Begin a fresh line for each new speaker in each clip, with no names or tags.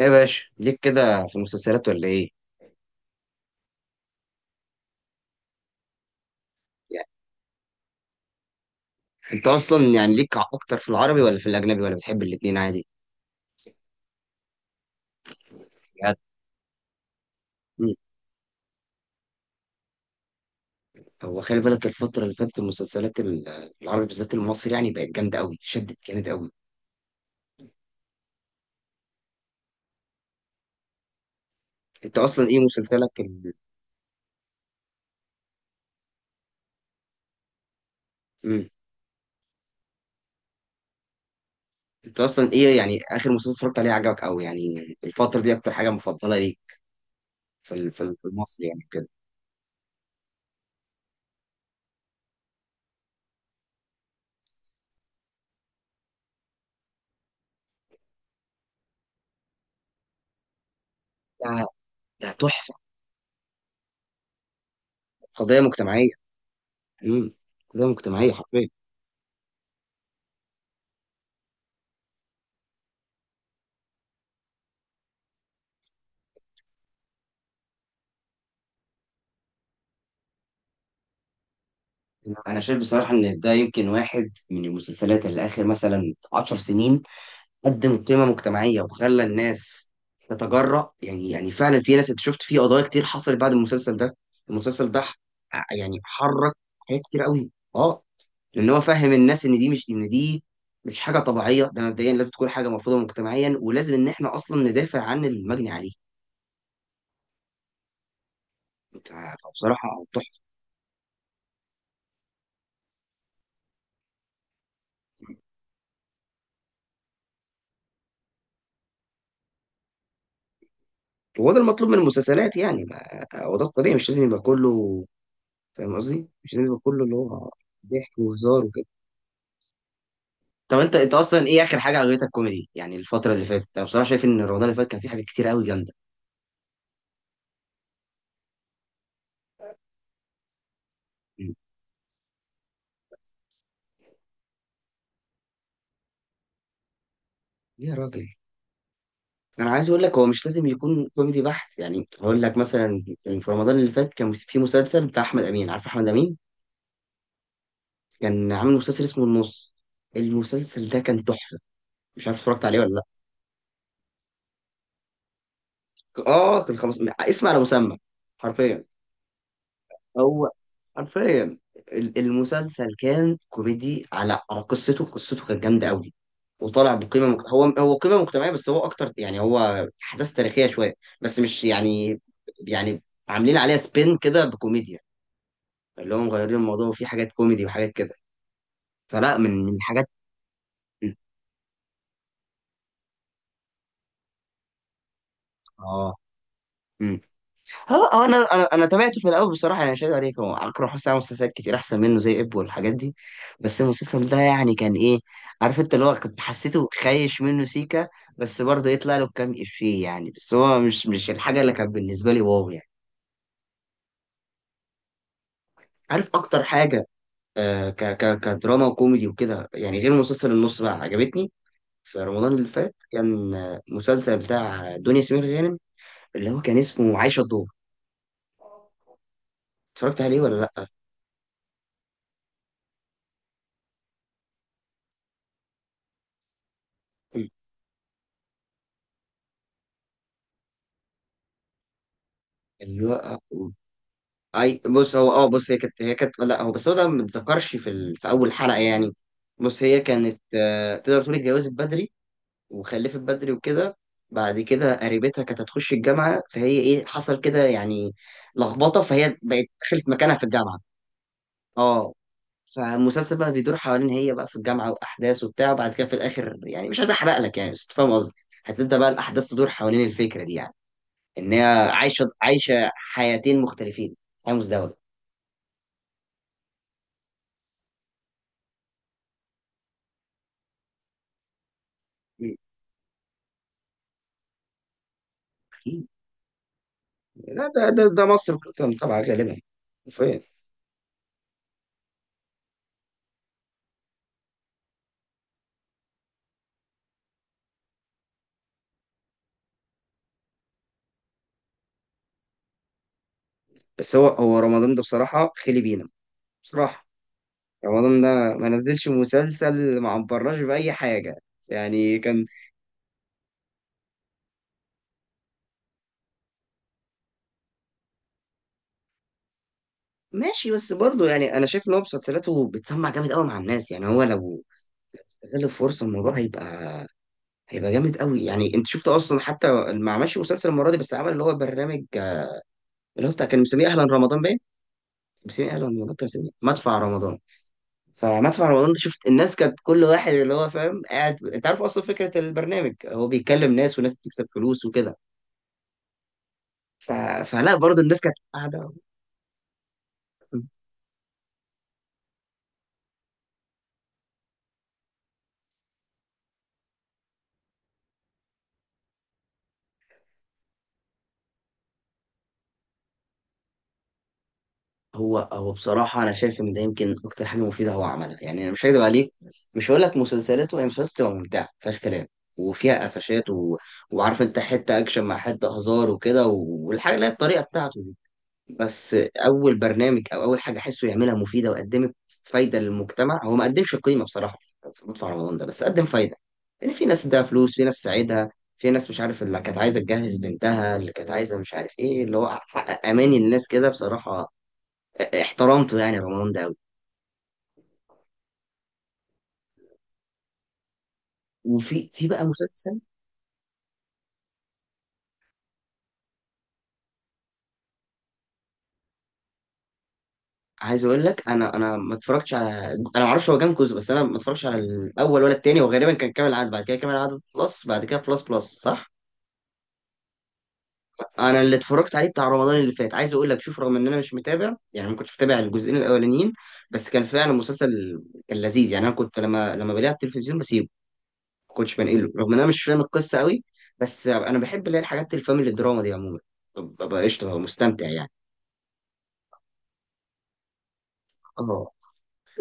ايه يا باشا ليك كده في المسلسلات ولا ايه؟ يعني انت اصلا يعني ليك اكتر في العربي ولا في الاجنبي ولا بتحب الاتنين عادي؟ بجد؟ مم. هو خلي بالك الفتره اللي فاتت المسلسلات العربي بالذات المصري يعني بقت جامده قوي، شدت جامد قوي. انت اصلا ايه مسلسلك مم. انت اصلا ايه يعني اخر مسلسل اتفرجت عليه عجبك قوي يعني الفتره دي، اكتر حاجه مفضله ليك في في المصري يعني كده؟ ده تحفه. قضيه مجتمعيه. امم، قضيه مجتمعيه حرفيا. انا شايف بصراحه ان ده يمكن واحد من المسلسلات اللي اخر مثلا 10 سنين قدم قيمه مجتمعيه وخلى الناس تتجرأ. يعني يعني فعلا في ناس، انت شفت في قضايا كتير حصلت بعد المسلسل ده. المسلسل ده يعني حرك حاجات كتير قوي. اه، لان هو فهم الناس ان دي مش، ان دي مش حاجه طبيعيه، ده مبدئيا لازم تكون حاجه مرفوضه مجتمعيا، ولازم ان احنا اصلا ندافع عن المجني عليه. ف- فبصراحه تحفه. وهو ده المطلوب من المسلسلات يعني، هو ده الطبيعي، مش لازم يبقى كله فاهم قصدي، مش لازم كله اللي هو ضحك وهزار وكده. طب انت اصلا ايه اخر حاجه عجبتك كوميدي يعني الفتره اللي فاتت؟ انا بصراحه شايف ان رمضان اللي فات كان فيه حاجات كتير قوي جامده. مم. يا راجل، انا عايز اقول لك هو مش لازم يكون كوميدي بحت، يعني هقول لك مثلا كان في رمضان اللي فات كان في مسلسل بتاع احمد امين، عارف احمد امين؟ كان عامل مسلسل اسمه النص، المسلسل ده كان تحفه، مش عارف اتفرجت عليه ولا لا. اه كان خمس، اسمع على مسمى، حرفيا. هو حرفيا المسلسل كان كوميدي، على قصته، قصته كانت جامده قوي، وطالع بقيمه هو قيمه مجتمعيه بس هو اكتر يعني، هو احداث تاريخيه شويه بس مش يعني، يعني عاملين عليها سبين كده بكوميديا، اللي هو مغيرين الموضوع وفي حاجات كوميدي وحاجات كده. فلا من حاجات. اه اه، انا تابعته في الاول بصراحه، يعني مش هكدب عليك، هو اكرم حسني عمل مسلسلات كتير احسن منه زي اب والحاجات دي، بس المسلسل ده يعني كان ايه، عارف انت، اللي هو كنت حسيته خايش منه سيكا، بس برضه يطلع له كام افيه يعني، بس هو مش الحاجه اللي كانت بالنسبه لي واو يعني. عارف اكتر حاجه، آه ك ك كدراما وكوميدي وكده، يعني غير مسلسل النص بقى، عجبتني في رمضان اللي فات كان مسلسل بتاع دنيا سمير غانم، اللي هو كان اسمه عايشه الدور. اتفرجت عليه ولا لا؟ اللي هو اي، بص هو، اه بص، هي كانت، لا هو، بس هو ده ما اتذكرش في في اول حلقه يعني. بص، هي كانت تقدر تقول اتجوزت بدري وخلفت بدري وكده، بعد كده قريبتها كانت هتخش الجامعه، فهي ايه، حصل كده يعني لخبطه، فهي بقت دخلت مكانها في الجامعه. اه، فالمسلسل بقى بيدور حوالين هي بقى في الجامعه، واحداث وبتاع، وبعد كده في الاخر، يعني مش عايز احرق لك يعني بس أنت فاهم قصدي، هتبدا بقى الاحداث تدور حوالين الفكره دي يعني، ان هي عايشه حياتين مختلفين، حياه مزدوجه. لا ده، ده مصر كلها طبعا غالبا، فين؟ بس هو رمضان ده بصراحة خلي بينا، بصراحة رمضان ده ما نزلش مسلسل، ما عبرناش بأي حاجة يعني كان ماشي، بس برضه يعني أنا شايف إن هو مسلسلاته بتسمع جامد أوي مع الناس، يعني هو لو استغل الفرصة الموضوع هيبقى جامد أوي يعني. أنت شفت أصلا حتى ما عملش مسلسل المرة دي، بس عمل اللي هو برنامج، اللي هو بتاع كان مسميه أهلا رمضان باين، مسميه أهلا رمضان كان مسميه مدفع رمضان. فمدفع رمضان ده شفت الناس كانت كل واحد اللي هو فاهم قاعد، انت عارف اصلا فكره البرنامج، هو بيكلم ناس وناس بتكسب فلوس وكده. ف... فلا برضه الناس كانت قاعده. هو بصراحه انا شايف ان ده يمكن اكتر حاجه مفيده هو عملها، يعني انا مش هكدب عليك، مش هقول لك مسلسلاته، هي مسلسلاته بتبقى ممتعه مفيهاش كلام وفيها قفشات وعارف انت حته اكشن مع حته هزار وكده والحاجه اللي هي الطريقه بتاعته، بس اول برنامج او اول حاجه احسه يعملها مفيده وقدمت فايده للمجتمع، هو ما قدمش قيمه بصراحه في مدفع رمضان ده، بس قدم فايده، لان في ناس اداها فلوس، في ناس ساعدها، في ناس مش عارف اللي كانت عايزه تجهز بنتها، اللي كانت عايزه مش عارف ايه، اللي هو حقق اماني للناس كده بصراحه. احترمته يعني رمضان ده قوي. وفي بقى مسلسل، عايز اقول لك، انا ما اتفرجتش على، انا ما اعرفش هو كام جزء، بس انا ما اتفرجتش على الاول ولا التاني، وغالبا كان كامل العدد، بعد كده كامل العدد بلس، بعد كده بلس بلس صح؟ انا اللي اتفرجت عليه بتاع رمضان اللي فات، عايز اقول لك شوف، رغم ان انا مش متابع يعني ما كنتش متابع الجزئين الاولانيين، بس كان فعلا مسلسل، كان لذيذ يعني. انا كنت لما بلاقيه على التلفزيون بسيبه، ما كنتش بنقله رغم ان انا مش فاهم القصه قوي، بس انا بحب اللي هي الحاجات الفاميلي دراما دي عموما، ببقى قشطه، ببقى مستمتع يعني. اه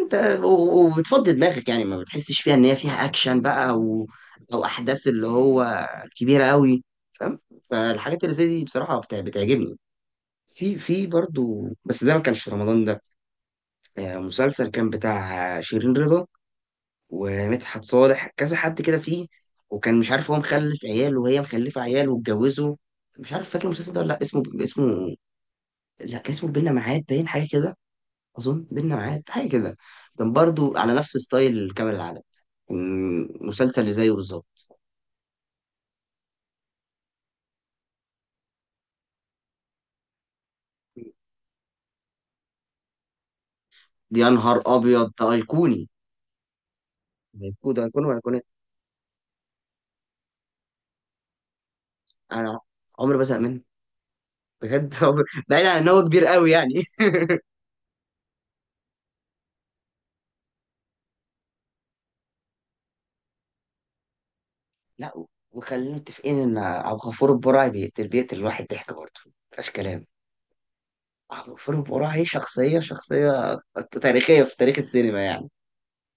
انت، وبتفضي دماغك يعني، ما بتحسش فيها ان هي فيها اكشن بقى او، او احداث اللي هو كبيره قوي، فاهم؟ فالحاجات اللي زي دي بصراحه بتعجبني. في برضو، بس ده ما كانش في رمضان ده، مسلسل كان بتاع شيرين رضا ومدحت صالح، كذا حد كده فيه، وكان مش عارف، هو مخلف عيال وهي مخلفة عيال واتجوزوا، مش عارف فاكر المسلسل ده ولا لا. اسمه، لا كان اسمه بينا معاد باين، حاجة كده، أظن بينا معاد حاجة كده، كان برضو على نفس ستايل كامل العدد، كان مسلسل اللي زيه بالظبط. دي يا نهار أبيض، ده أيقوني، ده أيقوني، ده أيقوني وأيقوني. أنا عمري ما بزهق منه، بجد. بعيد عن إن هو كبير قوي يعني. لا، وخلينا متفقين ان ابو غفور البرعي بيقتل الواحد ضحك برضه، مفيهاش كلام. ابو غفور البرعي شخصيه تاريخيه في تاريخ السينما يعني.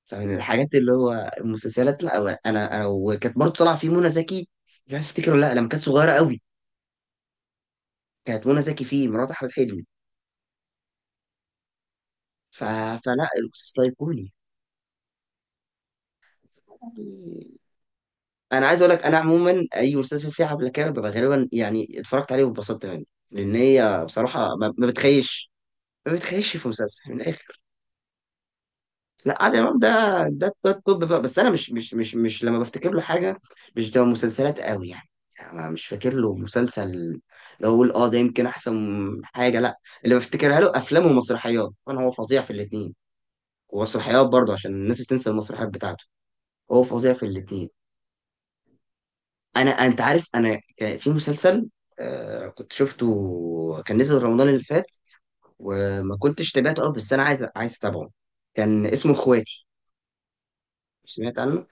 فمن الحاجات اللي هو المسلسلات، لا انا وكانت برضه طالعه فيه منى زكي، مش عارف افتكر ولا لا، لما كانت صغيره قوي، كانت منى زكي فيه مرات احمد حلمي. ف... فلا المسلسل ايقوني. انا عايز اقول لك انا عموما اي مسلسل فيه حبل كامل ببقى غالبا يعني اتفرجت عليه واتبسطت منه، لان هي بصراحه ما بتخيش، ما بيتخيلش في مسلسل من الاخر. لا، عادل امام ده، ده التوب بقى، بس انا مش لما بفتكر له حاجه مش بتبقى مسلسلات قوي يعني. يعني أنا مش فاكر له مسلسل اللي هو اقول اه ده يمكن احسن حاجه، لا اللي بفتكرها له افلام ومسرحيات، وانا هو فظيع في الاثنين، ومسرحيات برضه عشان الناس بتنسى المسرحيات بتاعته، هو فظيع في الاثنين. انا انت عارف انا كان في مسلسل، آه كنت شفته، كان نزل رمضان اللي فات وما كنتش تابعته اه، بس انا عايز اتابعه. كان اسمه اخواتي، سمعت عنه؟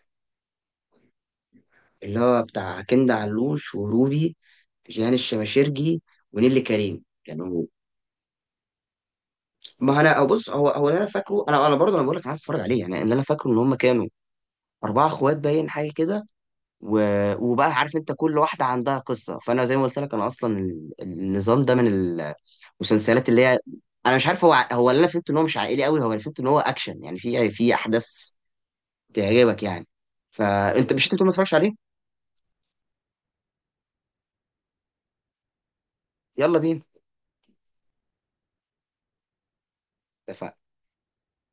اللي هو بتاع كندا علوش وروبي، جيهان الشماشرجي ونيلي كريم كانوا، ما انا أو بص، هو اللي انا فاكره، انا برضه انا بقول لك عايز اتفرج عليه، يعني اللي انا فاكره ان هم كانوا اربعه اخوات باين حاجه كده و... وبقى عارف انت كل واحده عندها قصه، فانا زي ما قلت لك انا اصلا النظام ده من المسلسلات اللي هي، انا مش عارف هو هو اللي انا فهمت ان هو مش عائلي قوي، هو اللي فهمت ان هو اكشن يعني في احداث تعجبك يعني، فانت مش، انت بتقول ما اتفرجش عليه. يلا بينا. اتفقنا.